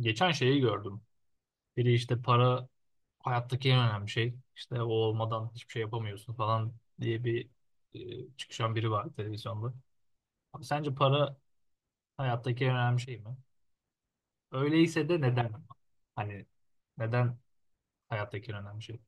Geçen şeyi gördüm. Biri işte para hayattaki en önemli şey. İşte o olmadan hiçbir şey yapamıyorsun falan diye bir çıkışan biri var televizyonda. Abi sence para hayattaki en önemli şey mi? Öyleyse de neden? Hani neden hayattaki en önemli şey?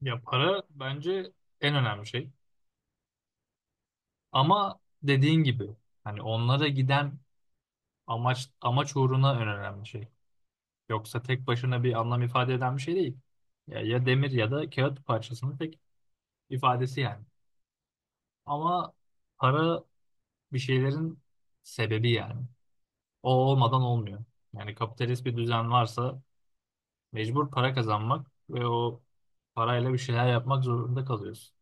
Ya para bence en önemli şey. Ama dediğin gibi hani onlara giden amaç uğruna en önemli şey. Yoksa tek başına bir anlam ifade eden bir şey değil. Ya, ya demir ya da kağıt parçasının tek ifadesi yani. Ama para bir şeylerin sebebi yani. O olmadan olmuyor. Yani kapitalist bir düzen varsa mecbur para kazanmak ve o parayla bir şeyler yapmak zorunda kalıyorsun.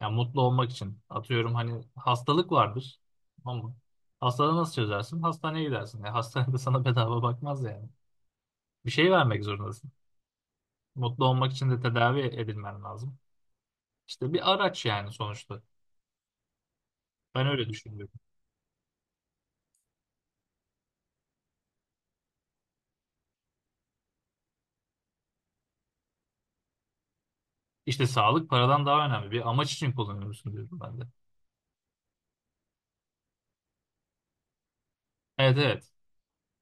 Yani mutlu olmak için. Atıyorum hani hastalık vardır ama hastalığı nasıl çözersin? Hastaneye gidersin. Yani hastanede sana bedava bakmaz yani. Bir şey vermek zorundasın. Mutlu olmak için de tedavi edilmen lazım. İşte bir araç yani sonuçta. Ben öyle düşünüyorum. İşte sağlık paradan daha önemli. Bir amaç için kullanıyorsun diyorum ben de. Evet evet.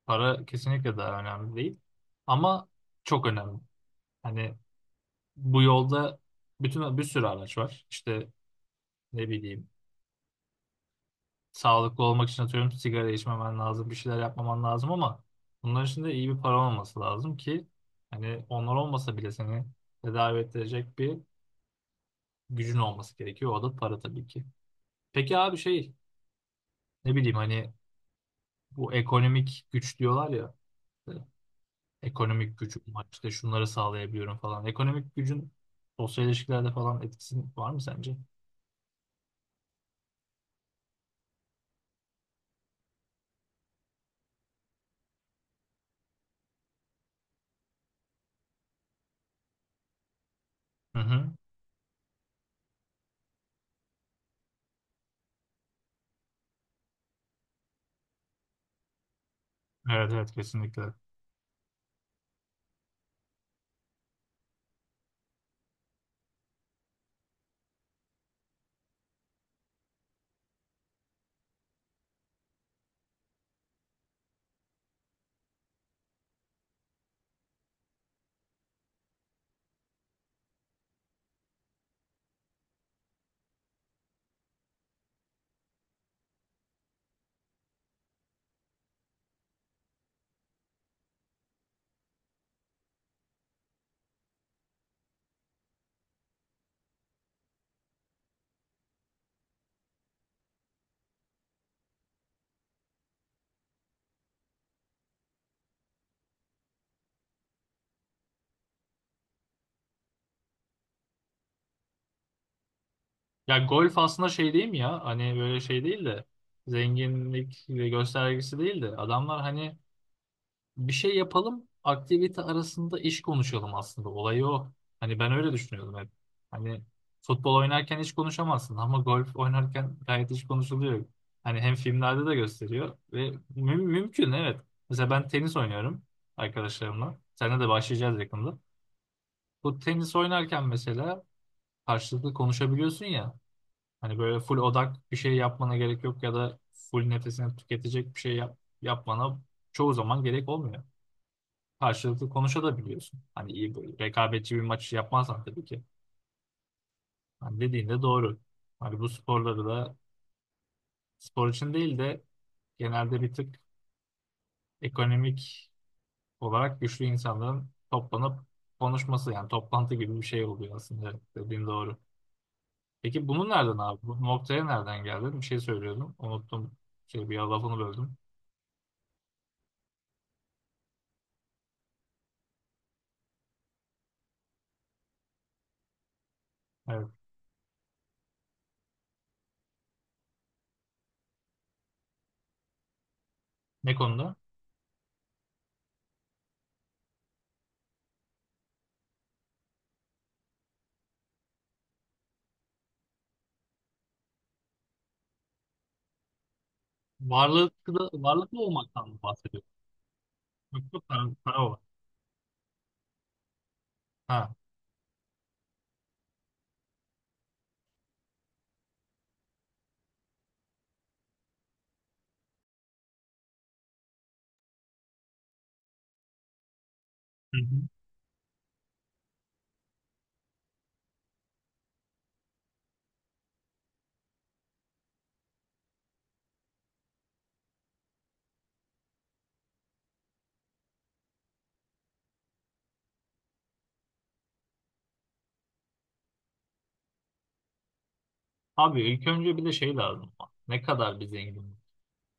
Para kesinlikle daha önemli değil. Ama çok önemli. Hani bu yolda bütün bir sürü araç var. İşte ne bileyim sağlıklı olmak için atıyorum sigara içmemen lazım, bir şeyler yapmaman lazım ama bunların için de iyi bir para olması lazım ki hani onlar olmasa bile seni tedavi ettirecek bir gücün olması gerekiyor. O da para tabii ki. Peki abi şey ne bileyim hani bu ekonomik güç diyorlar ya. İşte ekonomik gücüm var işte şunları sağlayabiliyorum falan. Ekonomik gücün sosyal ilişkilerde falan etkisi var mı sence? Hı hı. Evet evet kesinlikle. Ya golf aslında şey değil mi ya? Hani böyle şey değil de zenginlik ve göstergesi değil de adamlar hani bir şey yapalım. Aktivite arasında iş konuşalım aslında. Olayı o. Hani ben öyle düşünüyordum hep. Hani futbol oynarken hiç konuşamazsın ama golf oynarken gayet hiç konuşuluyor. Hani hem filmlerde de gösteriyor ve mümkün evet. Mesela ben tenis oynuyorum arkadaşlarımla. Seninle de başlayacağız yakında. Bu tenis oynarken mesela karşılıklı konuşabiliyorsun ya. Hani böyle full odak bir şey yapmana gerek yok ya da full nefesini tüketecek bir şey yapmana çoğu zaman gerek olmuyor karşılıklı konuşabiliyorsun. Hani iyi böyle rekabetçi bir maç yapmazsan tabii ki. Hani dediğin de doğru. Hani bu sporları da spor için değil de genelde bir tık ekonomik olarak güçlü insanların toplanıp konuşması yani toplantı gibi bir şey oluyor aslında dediğin doğru. Peki bunun nereden abi? Bu noktaya nereden geldin? Bir şey söylüyordum. Unuttum. Şey bir lafını böldüm. Evet. Ne konuda? Varlıklı olmaktan mı bahsediyorsun? Yok yok para olarak. Ha. Hı hı. Abi ilk önce bir de şey lazım. Ne kadar bir zenginlik?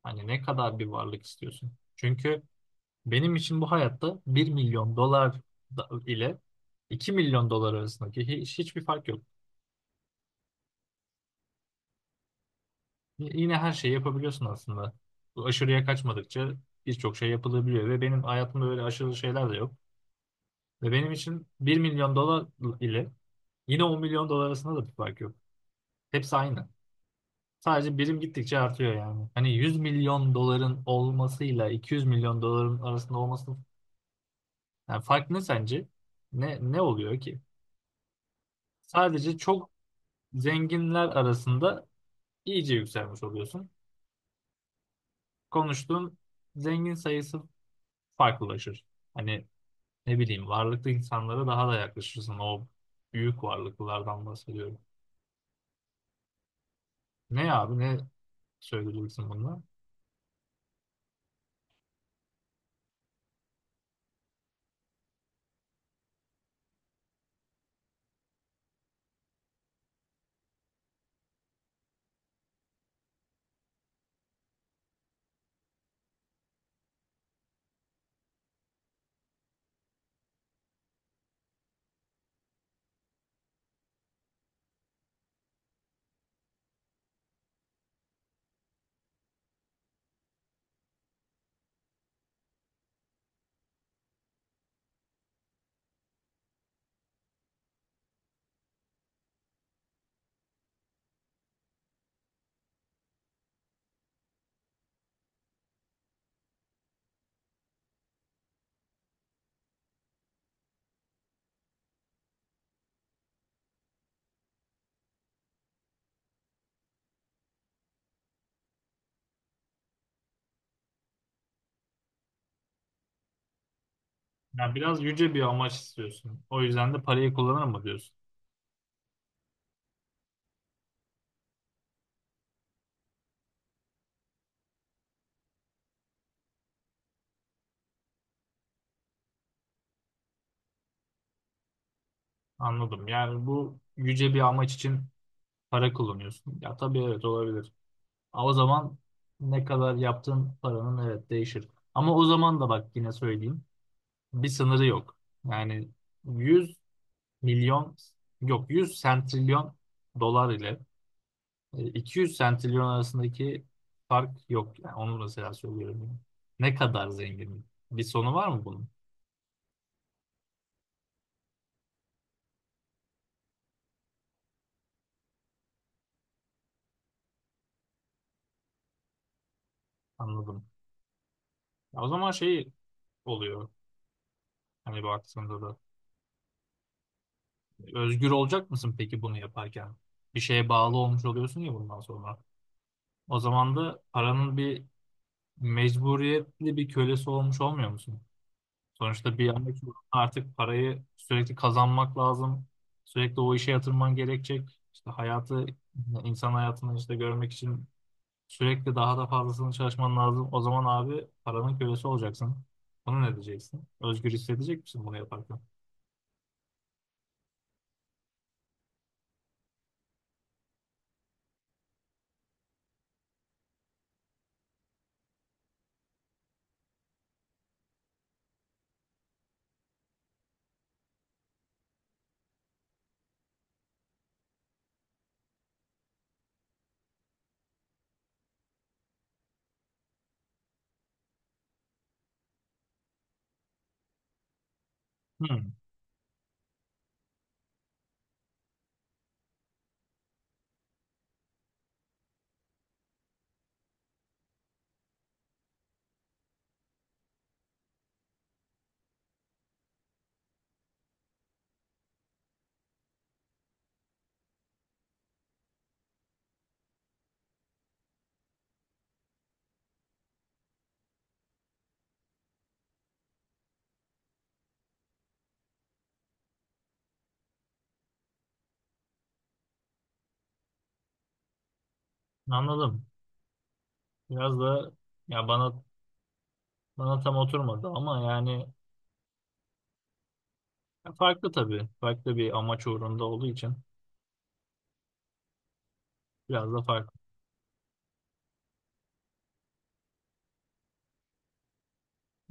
Hani ne kadar bir varlık istiyorsun? Çünkü benim için bu hayatta 1 milyon dolar ile 2 milyon dolar arasındaki hiçbir fark yok. Yine her şeyi yapabiliyorsun aslında. Bu aşırıya kaçmadıkça birçok şey yapılabiliyor ve benim hayatımda öyle aşırı şeyler de yok. Ve benim için 1 milyon dolar ile yine 10 milyon dolar arasında da bir fark yok. Hepsi aynı. Sadece birim gittikçe artıyor yani. Hani 100 milyon doların olmasıyla 200 milyon doların arasında olması yani fark ne sence? Ne oluyor ki? Sadece çok zenginler arasında iyice yükselmiş oluyorsun. Konuştuğun zengin sayısı farklılaşır. Hani ne bileyim varlıklı insanlara daha da yaklaşırsın. O büyük varlıklılardan bahsediyorum. Ne abi ne söyleyeceksin bununla? Yani biraz yüce bir amaç istiyorsun. O yüzden de parayı kullanır mı diyorsun? Anladım. Yani bu yüce bir amaç için para kullanıyorsun. Ya tabii evet olabilir. Ama o zaman ne kadar yaptığın paranın evet değişir. Ama o zaman da bak yine söyleyeyim. Bir sınırı yok. Yani 100 milyon yok 100 sentrilyon dolar ile 200 sentrilyon arasındaki fark yok. Yani onu mesela söylüyorum. Yani. Ne kadar zengin? Bir sonu var mı bunun? Anladım. Ya o zaman şey oluyor. Hani baktığında da. Özgür olacak mısın peki bunu yaparken? Bir şeye bağlı olmuş oluyorsun ya bundan sonra. O zaman da paranın bir mecburiyetli bir kölesi olmuş olmuyor musun? Sonuçta bir yanda artık parayı sürekli kazanmak lazım. Sürekli o işe yatırman gerekecek. İşte hayatı, insan hayatını işte görmek için sürekli daha da fazlasını çalışman lazım. O zaman abi paranın kölesi olacaksın. Bunu ne diyeceksin? Özgür hissedecek misin bunu yaparken? Hmm, anladım. Biraz da ya bana bana tam oturmadı ama yani ya farklı tabii. Farklı bir amaç uğrunda olduğu için biraz da farklı.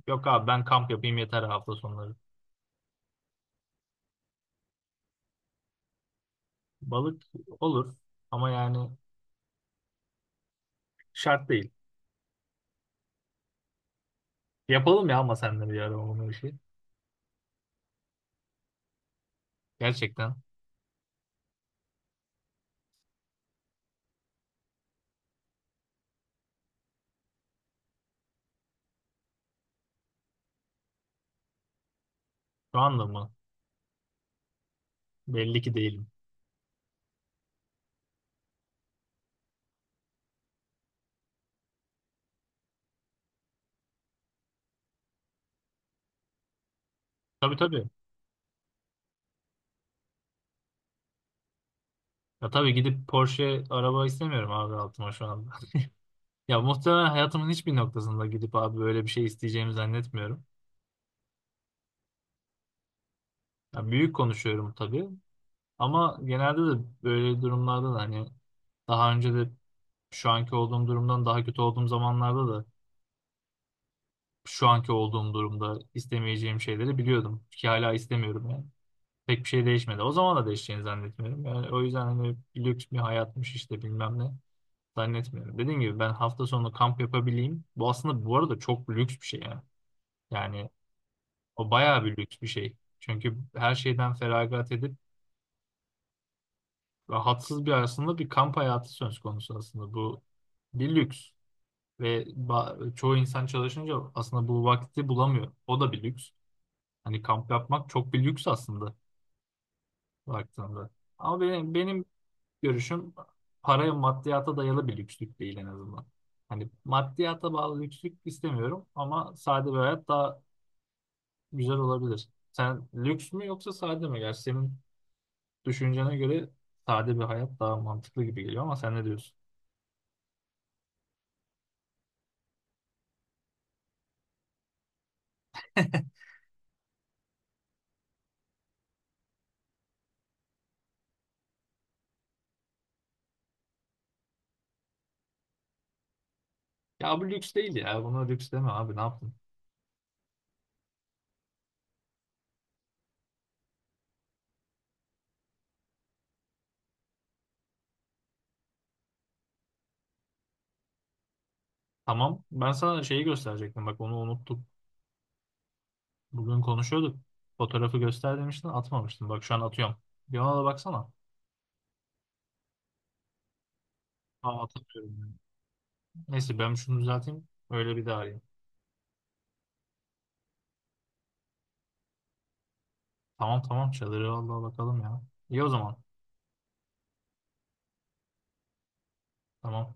Yok abi ben kamp yapayım yeter hafta sonları. Balık olur ama yani şart değil. Yapalım ya ama sen de bir ara onu işi. Gerçekten. Şu anda mı? Belli ki değilim. Tabii tabii. Ya tabii gidip Porsche araba istemiyorum abi altıma şu anda. Ya muhtemelen hayatımın hiçbir noktasında gidip abi böyle bir şey isteyeceğimi zannetmiyorum. Ya büyük konuşuyorum tabii. Ama genelde de böyle durumlarda da hani daha önce de şu anki olduğum durumdan daha kötü olduğum zamanlarda da şu anki olduğum durumda istemeyeceğim şeyleri biliyordum ki hala istemiyorum yani. Pek bir şey değişmedi. O zaman da değişeceğini zannetmiyorum. Yani o yüzden hani lüks bir hayatmış işte bilmem ne zannetmiyorum. Dediğim gibi ben hafta sonu kamp yapabileyim. Bu aslında bu arada çok lüks bir şey yani. Yani o bayağı bir lüks bir şey. Çünkü her şeyden feragat edip rahatsız bir aslında bir kamp hayatı söz konusu aslında. Bu bir lüks ve çoğu insan çalışınca aslında bu vakti bulamıyor. O da bir lüks. Hani kamp yapmak çok bir lüks aslında baktığında. Ama benim görüşüm paraya maddiyata dayalı bir lükslük değil en azından. Hani maddiyata bağlı lükslük istemiyorum ama sade bir hayat daha güzel olabilir. Sen lüks mü yoksa sade mi? Gerçi senin düşüncene göre sade bir hayat daha mantıklı gibi geliyor ama sen ne diyorsun? Ya bu lüks değil ya. Buna lüks deme abi ne yaptın? Tamam. Ben sana şeyi gösterecektim. Bak onu unuttum. Bugün konuşuyorduk. Fotoğrafı göster demiştin atmamıştın. Bak şu an atıyorum. Bir ona da baksana. Aa atamıyorum ya. Neyse ben şunu düzelteyim. Öyle bir daha arayayım. Tamam tamam çadırı vallahi bakalım ya. İyi o zaman. Tamam.